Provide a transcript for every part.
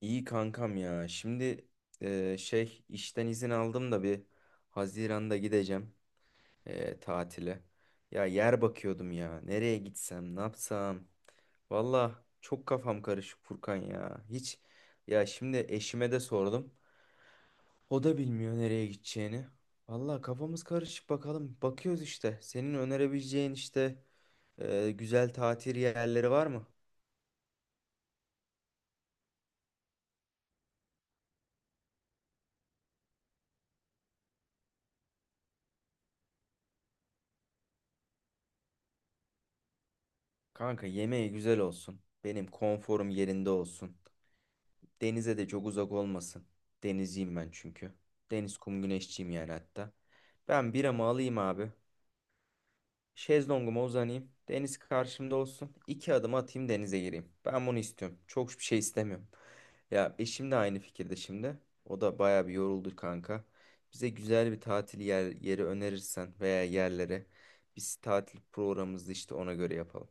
İyi kankam ya. Şimdi şey işten izin aldım da bir Haziran'da gideceğim tatile. Ya yer bakıyordum ya. Nereye gitsem, ne yapsam. Valla çok kafam karışık Furkan ya. Hiç ya şimdi eşime de sordum. O da bilmiyor nereye gideceğini. Valla kafamız karışık bakalım. Bakıyoruz işte. Senin önerebileceğin işte güzel tatil yerleri var mı? Kanka yemeği güzel olsun. Benim konforum yerinde olsun. Denize de çok uzak olmasın. Denizciyim ben çünkü. Deniz kum güneşçiyim yani hatta. Ben biramı alayım abi. Şezlonguma uzanayım. Deniz karşımda olsun. 2 adım atayım, denize gireyim. Ben bunu istiyorum. Çok bir şey istemiyorum. Ya eşim de aynı fikirde şimdi. O da baya bir yoruldu kanka. Bize güzel bir tatil yeri önerirsen veya yerlere biz tatil programımızı işte ona göre yapalım.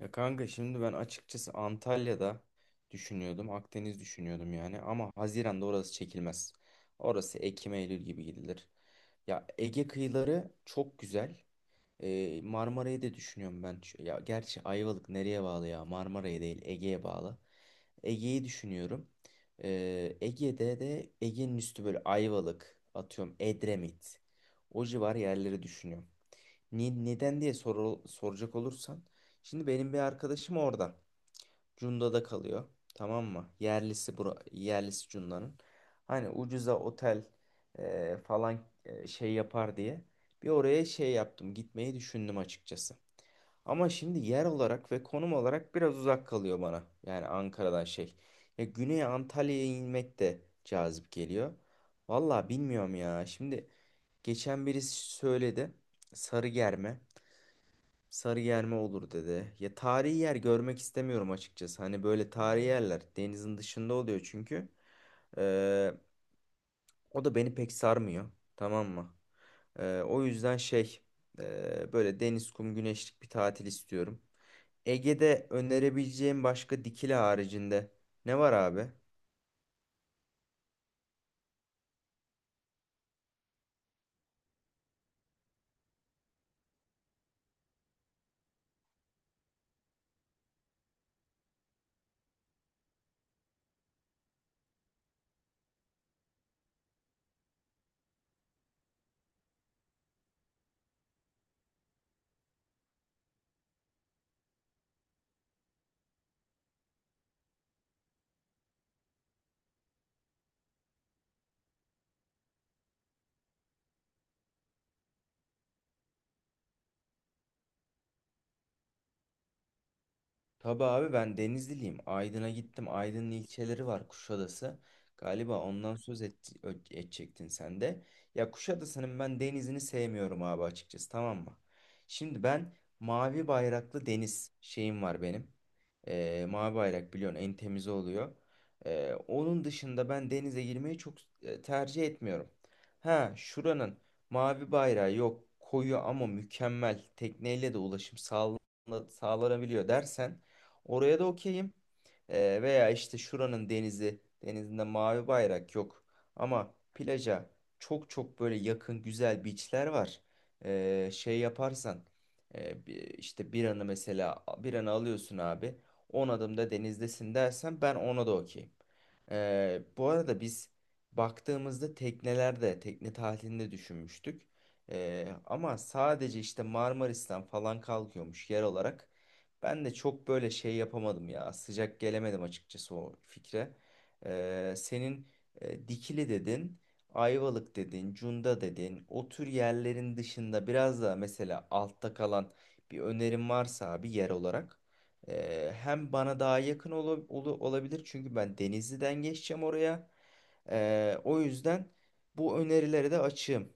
Ya kanka şimdi ben açıkçası Antalya'da düşünüyordum. Akdeniz düşünüyordum yani. Ama Haziran'da orası çekilmez. Orası Ekim Eylül gibi gidilir. Ya Ege kıyıları çok güzel. Marmara'yı da düşünüyorum ben. Ya gerçi Ayvalık nereye bağlı ya? Marmara'ya değil, Ege'ye bağlı. Ege'yi düşünüyorum. Ege'de de Ege'nin üstü, böyle Ayvalık, atıyorum Edremit. O civar yerleri düşünüyorum. Neden diye soracak olursan: şimdi benim bir arkadaşım oradan. Cunda'da kalıyor. Tamam mı? Yerlisi Cunda'nın. Hani ucuza otel falan şey yapar diye. Bir oraya şey yaptım. Gitmeyi düşündüm açıkçası. Ama şimdi yer olarak ve konum olarak biraz uzak kalıyor bana. Yani Ankara'dan şey. Ya Güney Antalya'ya inmek de cazip geliyor. Vallahi bilmiyorum ya. Şimdi geçen birisi söyledi. Sarıgerme. Sarıyer mi olur dedi. Ya tarihi yer görmek istemiyorum açıkçası. Hani böyle tarihi yerler denizin dışında oluyor çünkü. Ee, O da beni pek sarmıyor. Tamam mı? O yüzden şey, böyle deniz, kum, güneşlik bir tatil istiyorum. Ege'de önerebileceğim başka, Dikili haricinde, ne var abi? Tabii abi, ben Denizliliyim. Aydın'a gittim. Aydın'ın ilçeleri var, Kuşadası. Galiba ondan söz edecektin sen de. Ya Kuşadası'nın ben denizini sevmiyorum abi açıkçası, tamam mı? Şimdi ben mavi bayraklı deniz şeyim var benim. Mavi bayrak biliyorsun en temizi oluyor. Onun dışında ben denize girmeyi çok tercih etmiyorum. Ha, şuranın mavi bayrağı yok koyu, ama mükemmel, tekneyle de ulaşım sağlanabiliyor dersen, oraya da okeyim. Veya işte şuranın denizinde mavi bayrak yok. Ama plaja çok çok böyle yakın güzel beachler var. Şey yaparsan, e, bi- işte bir anı mesela, bir anı alıyorsun abi. 10 adımda denizdesin dersen, ben ona da okeyim. Bu arada biz baktığımızda tekne tatilinde düşünmüştük. Ama sadece işte Marmaris'ten falan kalkıyormuş yer olarak. Ben de çok böyle şey yapamadım ya. Sıcak gelemedim açıkçası o fikre. Senin Dikili dedin, Ayvalık dedin, Cunda dedin. O tür yerlerin dışında biraz daha mesela altta kalan bir önerim varsa abi, yer olarak. Hem bana daha yakın olabilir, çünkü ben Denizli'den geçeceğim oraya. O yüzden bu önerileri de açığım.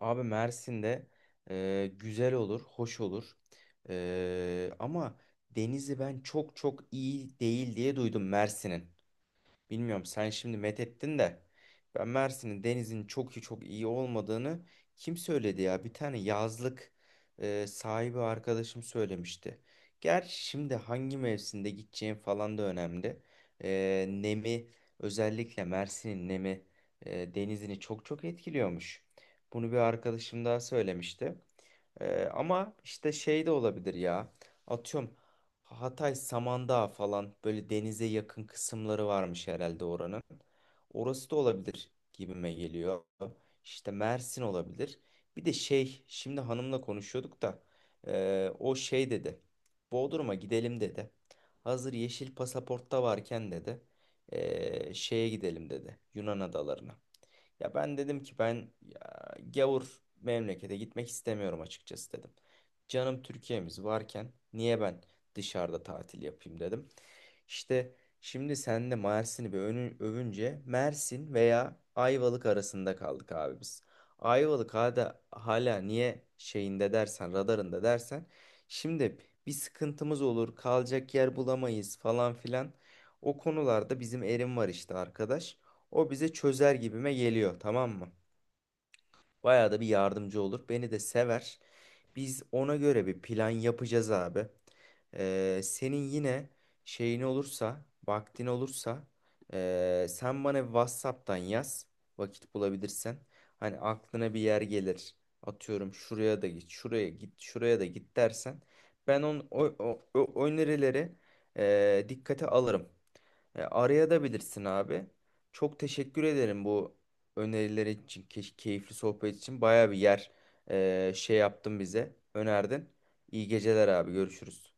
Abi Mersin'de güzel olur, hoş olur. Ama denizi ben çok çok iyi değil diye duydum Mersin'in. Bilmiyorum, sen şimdi methettin de, ben Mersin'in denizin çok iyi olmadığını kim söyledi ya? Bir tane yazlık sahibi arkadaşım söylemişti. Gerçi şimdi hangi mevsimde gideceğim falan da önemli. Nemi, özellikle Mersin'in nemi denizini çok çok etkiliyormuş. Bunu bir arkadaşım daha söylemişti. Ama işte şey de olabilir ya. Atıyorum, Hatay Samandağ falan, böyle denize yakın kısımları varmış herhalde oranın. Orası da olabilir gibime geliyor. İşte Mersin olabilir. Bir de şey, şimdi hanımla konuşuyorduk da o şey dedi. Bodrum'a gidelim dedi. Hazır yeşil pasaportta varken dedi, şeye gidelim dedi, Yunan adalarına. Ya ben dedim ki, ben ya, gavur memlekete gitmek istemiyorum açıkçası dedim. Canım Türkiye'miz varken niye ben dışarıda tatil yapayım dedim. İşte şimdi sen de Mersin'i bir övünce, Mersin veya Ayvalık arasında kaldık abi biz. Ayvalık hala niye şeyinde dersen, radarında dersen: şimdi bir sıkıntımız olur, kalacak yer bulamayız falan filan. O konularda bizim Erim var işte, arkadaş. O bize çözer gibime geliyor, tamam mı? Bayağı da bir yardımcı olur. Beni de sever. Biz ona göre bir plan yapacağız abi. Senin yine şeyin olursa, vaktin olursa, sen bana WhatsApp'tan yaz, vakit bulabilirsen. Hani aklına bir yer gelir. Atıyorum, şuraya da git, şuraya git, şuraya da git dersen, ben o önerileri dikkate alırım. Araya da bilirsin abi. Çok teşekkür ederim bu öneriler için, keyifli sohbet için. Baya bir yer şey yaptın bize, önerdin. İyi geceler abi, görüşürüz.